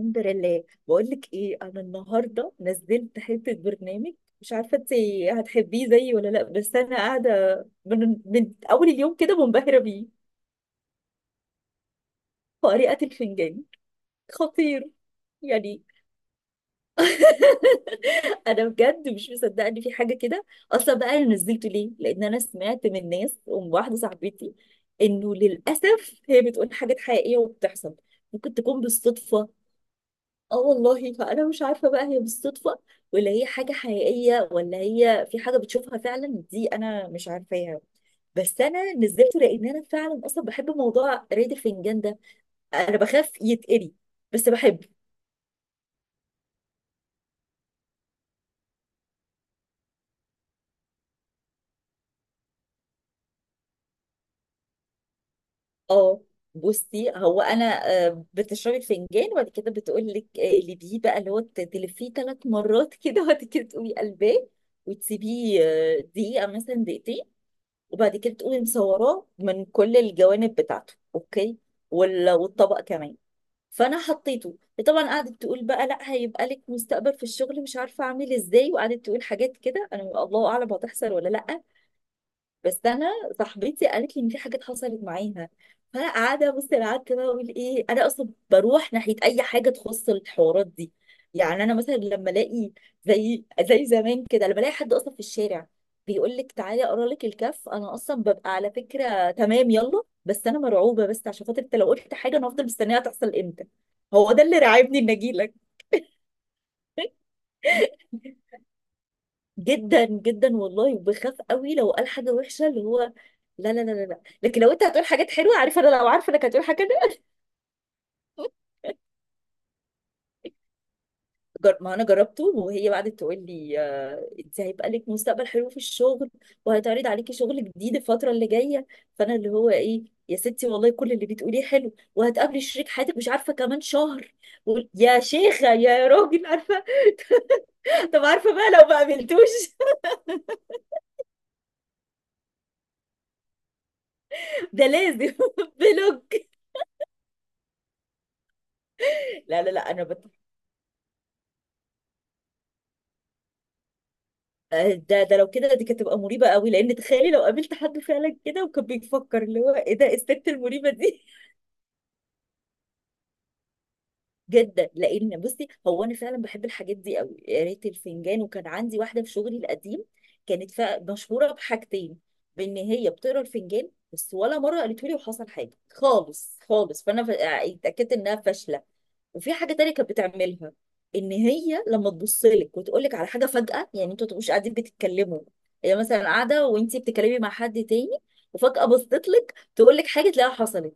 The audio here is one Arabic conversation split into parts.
الحمد لله، بقول لك ايه، انا النهارده نزلت حته برنامج. مش عارفه انت هتحبيه زيي ولا لا، بس انا قاعده من اول اليوم كده منبهره بيه. قارئة الفنجان. خطير يعني. انا بجد مش مصدقه ان في حاجه كده. اصلا بقى انا نزلته ليه؟ لان انا سمعت من ناس ومن واحده صاحبتي انه للاسف هي بتقول حاجات حقيقيه وبتحصل. ممكن تكون بالصدفه. اه والله، فانا مش عارفه بقى هي بالصدفه ولا هي حاجه حقيقيه، ولا هي في حاجه بتشوفها فعلا، دي انا مش عارفاها. بس انا نزلته لان انا فعلا اصلا بحب موضوع ريد الفنجان ده. انا بخاف يتقري، بس بحب. اه، بصي هو انا بتشربي الفنجان، وبعد كده بتقول لك اللي بيه بقى، اللي هو تلفيه 3 مرات كده، وبعد كده تقومي قلباه وتسيبيه دقيقه مثلا، دقيقتين، وبعد كده تقومي مصوراه من كل الجوانب بتاعته. اوكي، والطبق كمان. فانا حطيته، طبعا قعدت تقول بقى لا هيبقى لك مستقبل في الشغل، مش عارفه اعمل ازاي، وقعدت تقول حاجات كده انا الله اعلم هتحصل ولا لا. بس انا صاحبتي قالت لي ان في حاجات حصلت معاها. فانا قاعده بص، انا قعدت بقى اقول ايه، انا اصلا بروح ناحيه اي حاجه تخص الحوارات دي. يعني انا مثلا لما الاقي زي زمان كده، لما الاقي حد اصلا في الشارع بيقول لك تعالي اقرا لك الكف، انا اصلا ببقى على فكره تمام يلا، بس انا مرعوبه. بس عشان خاطر انت لو قلت حاجه، انا هفضل مستنيها تحصل امتى. هو ده اللي راعبني ان اجي لك. جدا جدا والله، وبخاف قوي لو قال حاجه وحشه، اللي هو لا لا لا لا لا. لكن لو انت هتقول حاجات حلوه، عارفه انا لو عارفه انك هتقول حاجه كده. ما انا جربته، وهي بعدت تقول لي انت هيبقى لك مستقبل حلو في الشغل، وهيتعرض عليكي شغل جديد الفتره اللي جايه. فانا اللي هو ايه، يا ستي والله كل اللي بتقوليه حلو، وهتقابلي شريك حياتك مش عارفه كمان شهر، يا شيخه يا راجل عارفه. طب عارفه بقى لو ما قابلتوش؟ ده لازم بلوك. لا لا لا، انا ده لو كده دي كانت تبقى مريبة قوي، لان تخيلي لو قابلت حد فعلا كده وكان بيفكر اللي هو ايه ده، إيه الست المريبة دي؟ جدا. لان بصي، هو انا فعلا بحب الحاجات دي قوي. قريت الفنجان، وكان عندي واحدة في شغلي القديم، كانت مشهورة بحاجتين. بان هي بتقرا الفنجان بس، ولا مرة قالت لي وحصل حاجة خالص خالص. فانا يعني اتاكدت انها فاشلة. وفي حاجه تانية كانت بتعملها، ان هي لما تبص لك وتقول لك على حاجه فجاه، يعني انتوا ما تبقوش قاعدين بتتكلموا، هي مثلا قاعده وانتي بتتكلمي مع حد تاني، وفجاه بصت لك تقول لك حاجه، تلاقيها حصلت.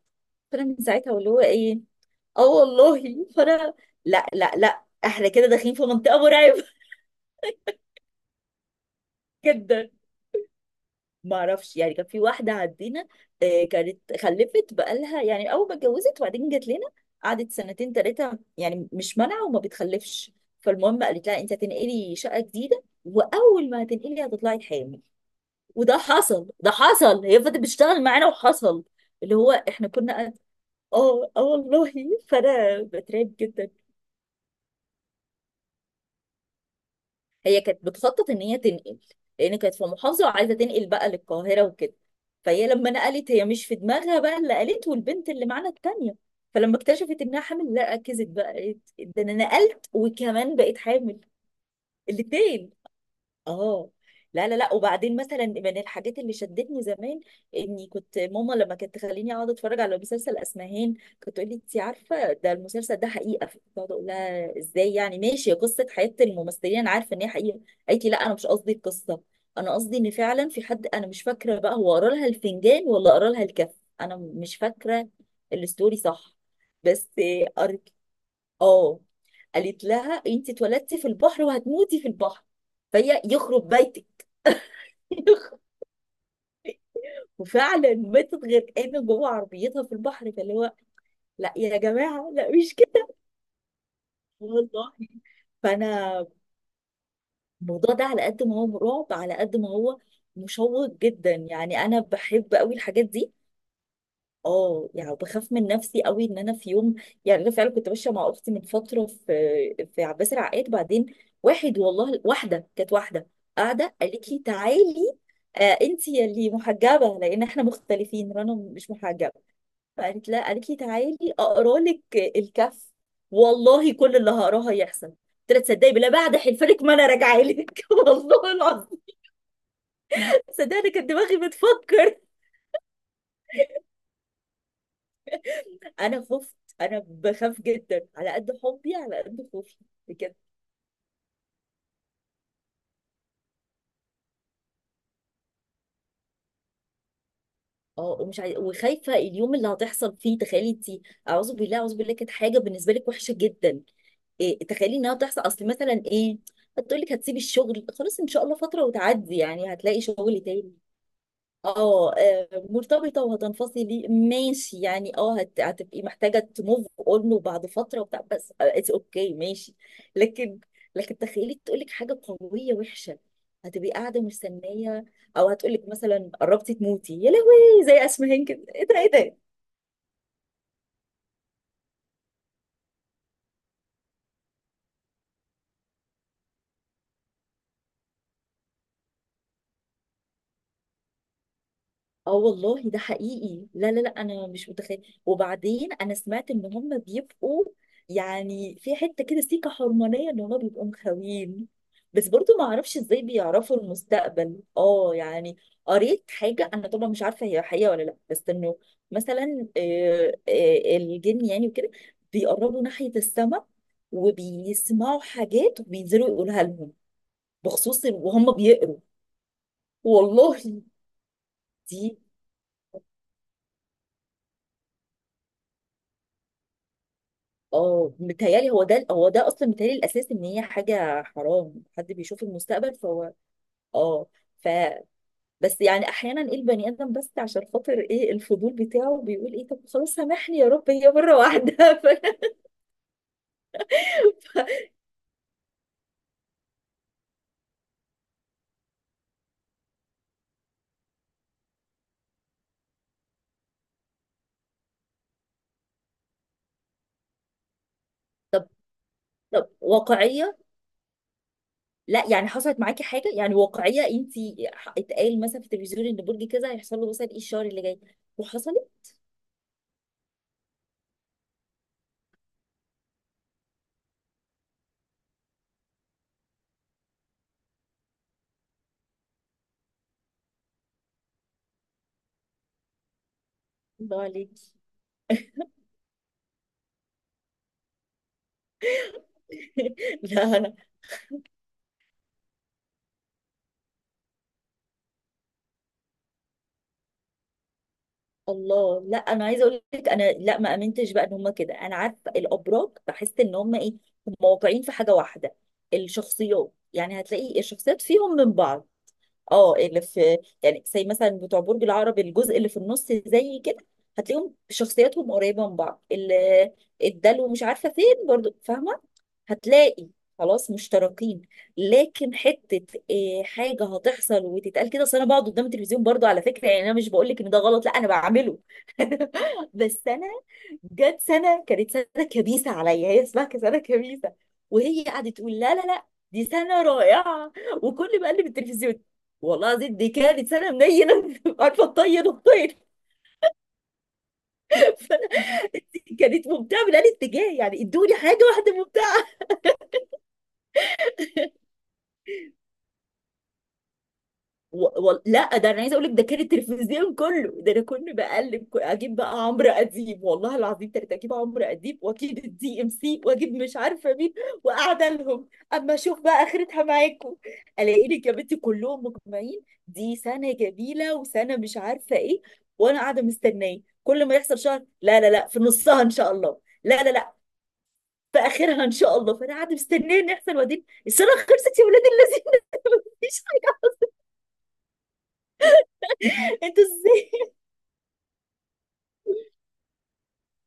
فانا من ساعتها واللي هو ايه. اه والله، فانا لا لا لا، احنا كده داخلين في منطقه مرعبه. جدا. ما اعرفش، يعني كان في واحده عندنا كانت خلفت، بقالها يعني اول ما اتجوزت وبعدين جت لنا، قعدت سنتين ثلاثه يعني، مش مانعه وما بتخلفش. فالمهم قالت لها انت هتنقلي شقه جديده، واول ما هتنقلي هتطلعي حامل. وده حصل، ده حصل. هي فضلت بتشتغل معانا وحصل. اللي هو احنا كنا. اه اه والله، فانا بترعب جدا. هي كانت بتخطط ان هي تنقل، لان كانت في محافظه وعايزه تنقل بقى للقاهره وكده. فهي لما نقلت، هي مش في دماغها بقى اللي قالته، والبنت اللي معانا التانيه. فلما اكتشفت انها حامل لا، ركزت بقى، قالت ده انا نقلت وكمان بقيت حامل. الاتنين. اه. لا لا لا، وبعدين مثلا من الحاجات اللي شدتني زمان، اني كنت ماما لما كانت تخليني اقعد اتفرج على مسلسل اسمهان، كنت تقول لي انت عارفه ده المسلسل ده حقيقه، كنت اقعد اقول لها ازاي يعني؟ ماشي قصه حياه الممثلين انا عارفه ان هي حقيقه. قالت لي لا، انا مش قصدي القصه، انا قصدي ان فعلا في حد، انا مش فاكره بقى هو قرا لها الفنجان ولا قرا لها الكف، انا مش فاكره. الستوري صح بس. قريت اه، قالت لها انت اتولدتي في البحر وهتموتي في البحر. فهي يخرب بيتك وفعلا ماتت غرقانه جوه عربيتها في البحر. فاللي هو لا يا جماعه، لا مش كده. والله. فانا الموضوع ده على قد ما هو رعب، على قد ما هو مشوق جدا. يعني انا بحب قوي الحاجات دي. اه يعني، بخاف من نفسي قوي ان انا في يوم. يعني انا فعلا كنت ماشيه مع اختي من فتره في عباس العقاد، بعدين واحد والله، واحده كانت، واحده قاعده قالت لي تعالي، آه انت يا اللي محجبه، لان احنا مختلفين، رنا مش محجبه. فقالت لا، قالت لي تعالي اقرا لك الكف، والله كل اللي هقراه هيحصل. قلت لها تصدقي بالله، بعد حلفلك، ما انا راجعه لك والله العظيم. صدقني، أنا كانت دماغي بتفكر. انا خفت، انا بخاف جدا على قد حبي، على قد خوفي، بجد. اه، ومش عايزه، وخايفه اليوم اللي هتحصل فيه، تخيلي انت. اعوذ بالله اعوذ بالله. كانت حاجه بالنسبه لك وحشه جدا. إيه؟ تخيلي انها تحصل. اصل مثلا ايه، هتقول لك هتسيبي الشغل، خلاص ان شاء الله فتره وتعدي يعني، هتلاقي شغل تاني. اه مرتبطة وهتنفصلي ماشي، يعني اه، هتبقي محتاجة تموف اون وبعد فترة وبتاع، بس اتس اوكي ماشي. لكن، لكن تخيلي تقولك حاجة قوية وحشة، هتبقي قاعدة مستنية. او هتقولك مثلا قربتي تموتي يا لهوي زي اسمهان كده، ايه ده ايه ده. اه والله ده حقيقي. لا لا لا، انا مش متخيل. وبعدين انا سمعت ان هم بيبقوا، يعني في حته كده سيكه حرمانيه، ان هم بيبقوا مخاوين. بس برضو ما اعرفش ازاي بيعرفوا المستقبل، اه يعني. قريت حاجه، انا طبعا مش عارفه هي حقيقه ولا لا، بس انه مثلا الجن يعني وكده، بيقربوا ناحيه السماء وبيسمعوا حاجات، وبينزلوا يقولها لهم بخصوص، وهم بيقروا. والله. دي اه، متهيألي هو ده، هو ده اصلا. متهيألي الاساس ان هي حاجه حرام، حد بيشوف المستقبل، فهو اه. ف، بس يعني احيانا ايه، البني ادم بس عشان خاطر ايه الفضول بتاعه بيقول ايه، طب خلاص سامحني يا رب هي مره واحده. ف... طب طب واقعيه؟ لا يعني حصلت معاكي حاجه يعني واقعيه، انت اتقال مثلا في التلفزيون ان برج كذا هيحصل له مثلا ايه الشهر اللي جاي، وحصلت. الله عليكي. لا. الله، لا انا عايزه اقول لك، انا لا ما امنتش بقى ان هم كده. انا عارفه الابراج، بحس ان هم ايه، هم واقعين في حاجه واحده. الشخصيات، يعني هتلاقي الشخصيات فيهم من بعض. اه، اللي في، يعني زي مثلا بتوع برج العقرب، الجزء اللي في النص زي كده، هتلاقيهم شخصياتهم قريبه من بعض، اللي الدلو مش عارفه فين برضو، فاهمه. هتلاقي خلاص مشتركين. لكن حته، إيه حاجه هتحصل وتتقال كده، اصل انا بقعد قدام التلفزيون برضو على فكره. يعني انا مش بقول لك ان ده غلط، لا انا بعمله. بس انا جت سنه، كانت سنه كبيسه عليا، هي اسمها سنه كبيسه، وهي قعدت تقول لا لا لا، دي سنه رائعه. وكل ما اقلب التلفزيون، والله العظيم دي كانت سنه منينه. عارفه تطير الطير. كانت ممتعه من الاتجاه، يعني ادوني حاجه واحده ممتعه. لا ده انا عايزه اقول لك، ده كان التلفزيون كله. ده انا كنت بقلب، اجيب بقى عمرو اديب، والله العظيم كنت اجيب عمرو اديب، واجيب الدي ام سي، واجيب مش عارفه مين، وقاعده لهم اما اشوف بقى اخرتها معاكم. الاقي لك يا بنتي كلهم مجمعين، دي سنه جميله، وسنه مش عارفه ايه، وانا قاعده مستنيه كل ما يحصل شهر، لا لا لا في نصها ان شاء الله، لا لا لا في اخرها ان شاء الله. فانا قاعده مستنيه ان يحصل، وبعدين السنه خلصت يا ولاد اللذين مفيش حاجه. انتوا ازاي؟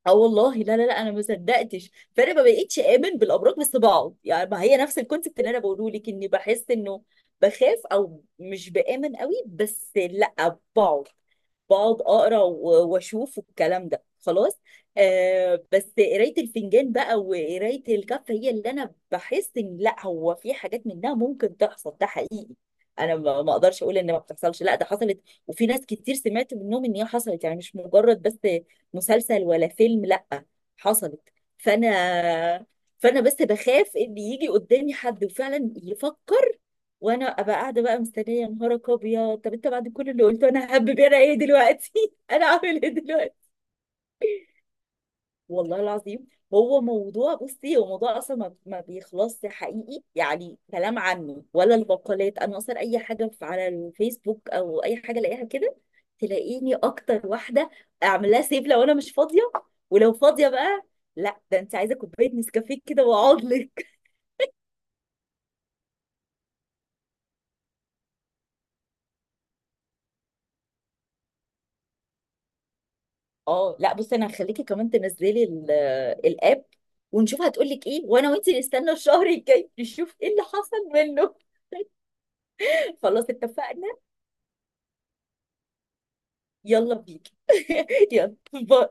اه والله. لا لا لا، انا ما صدقتش. فانا ما بقتش امن بالامراض، بس بقعد. يعني ما هي نفس الكونسيبت اللي انا بقوله لك، اني بحس انه بخاف او مش بامن قوي، بس لا بقعد، بقعد اقرا واشوف الكلام ده. خلاص. آه، بس قرايه الفنجان بقى، وقرايه الكف، هي اللي انا بحس ان لا هو في حاجات منها ممكن تحصل. ده حقيقي، انا ما اقدرش اقول ان ما بتحصلش، لا ده حصلت. وفي ناس كتير سمعت منهم ان هي حصلت، يعني مش مجرد بس مسلسل ولا فيلم، لأ، حصلت. فأنا، فأنا بس بخاف إن يجي قدامي حد وفعلا يفكر، وانا ابقى قاعده بقى مستنيه يا نهارك ابيض، طب انت بعد كل اللي قلته، انا هبب، انا ايه دلوقتي؟ انا اعمل ايه دلوقتي؟ والله العظيم. هو موضوع، بصي هو موضوع اصلا ما بيخلصش حقيقي. يعني كلام عنه ولا البقالات، انا اصلا اي حاجه على الفيسبوك او اي حاجه الاقيها كده، تلاقيني اكتر واحده اعمل لها سيف لو انا مش فاضيه. ولو فاضيه بقى، لا ده انت عايزه كوبايه نسكافيه كده واقعد لك. اه، لا بصي انا هخليكي كمان تنزلي الاب، ونشوف هتقول لك ايه، وانا وانت نستنى الشهر الجاي نشوف ايه اللي حصل منه. خلاص اتفقنا. يلا بيك. يلا باي.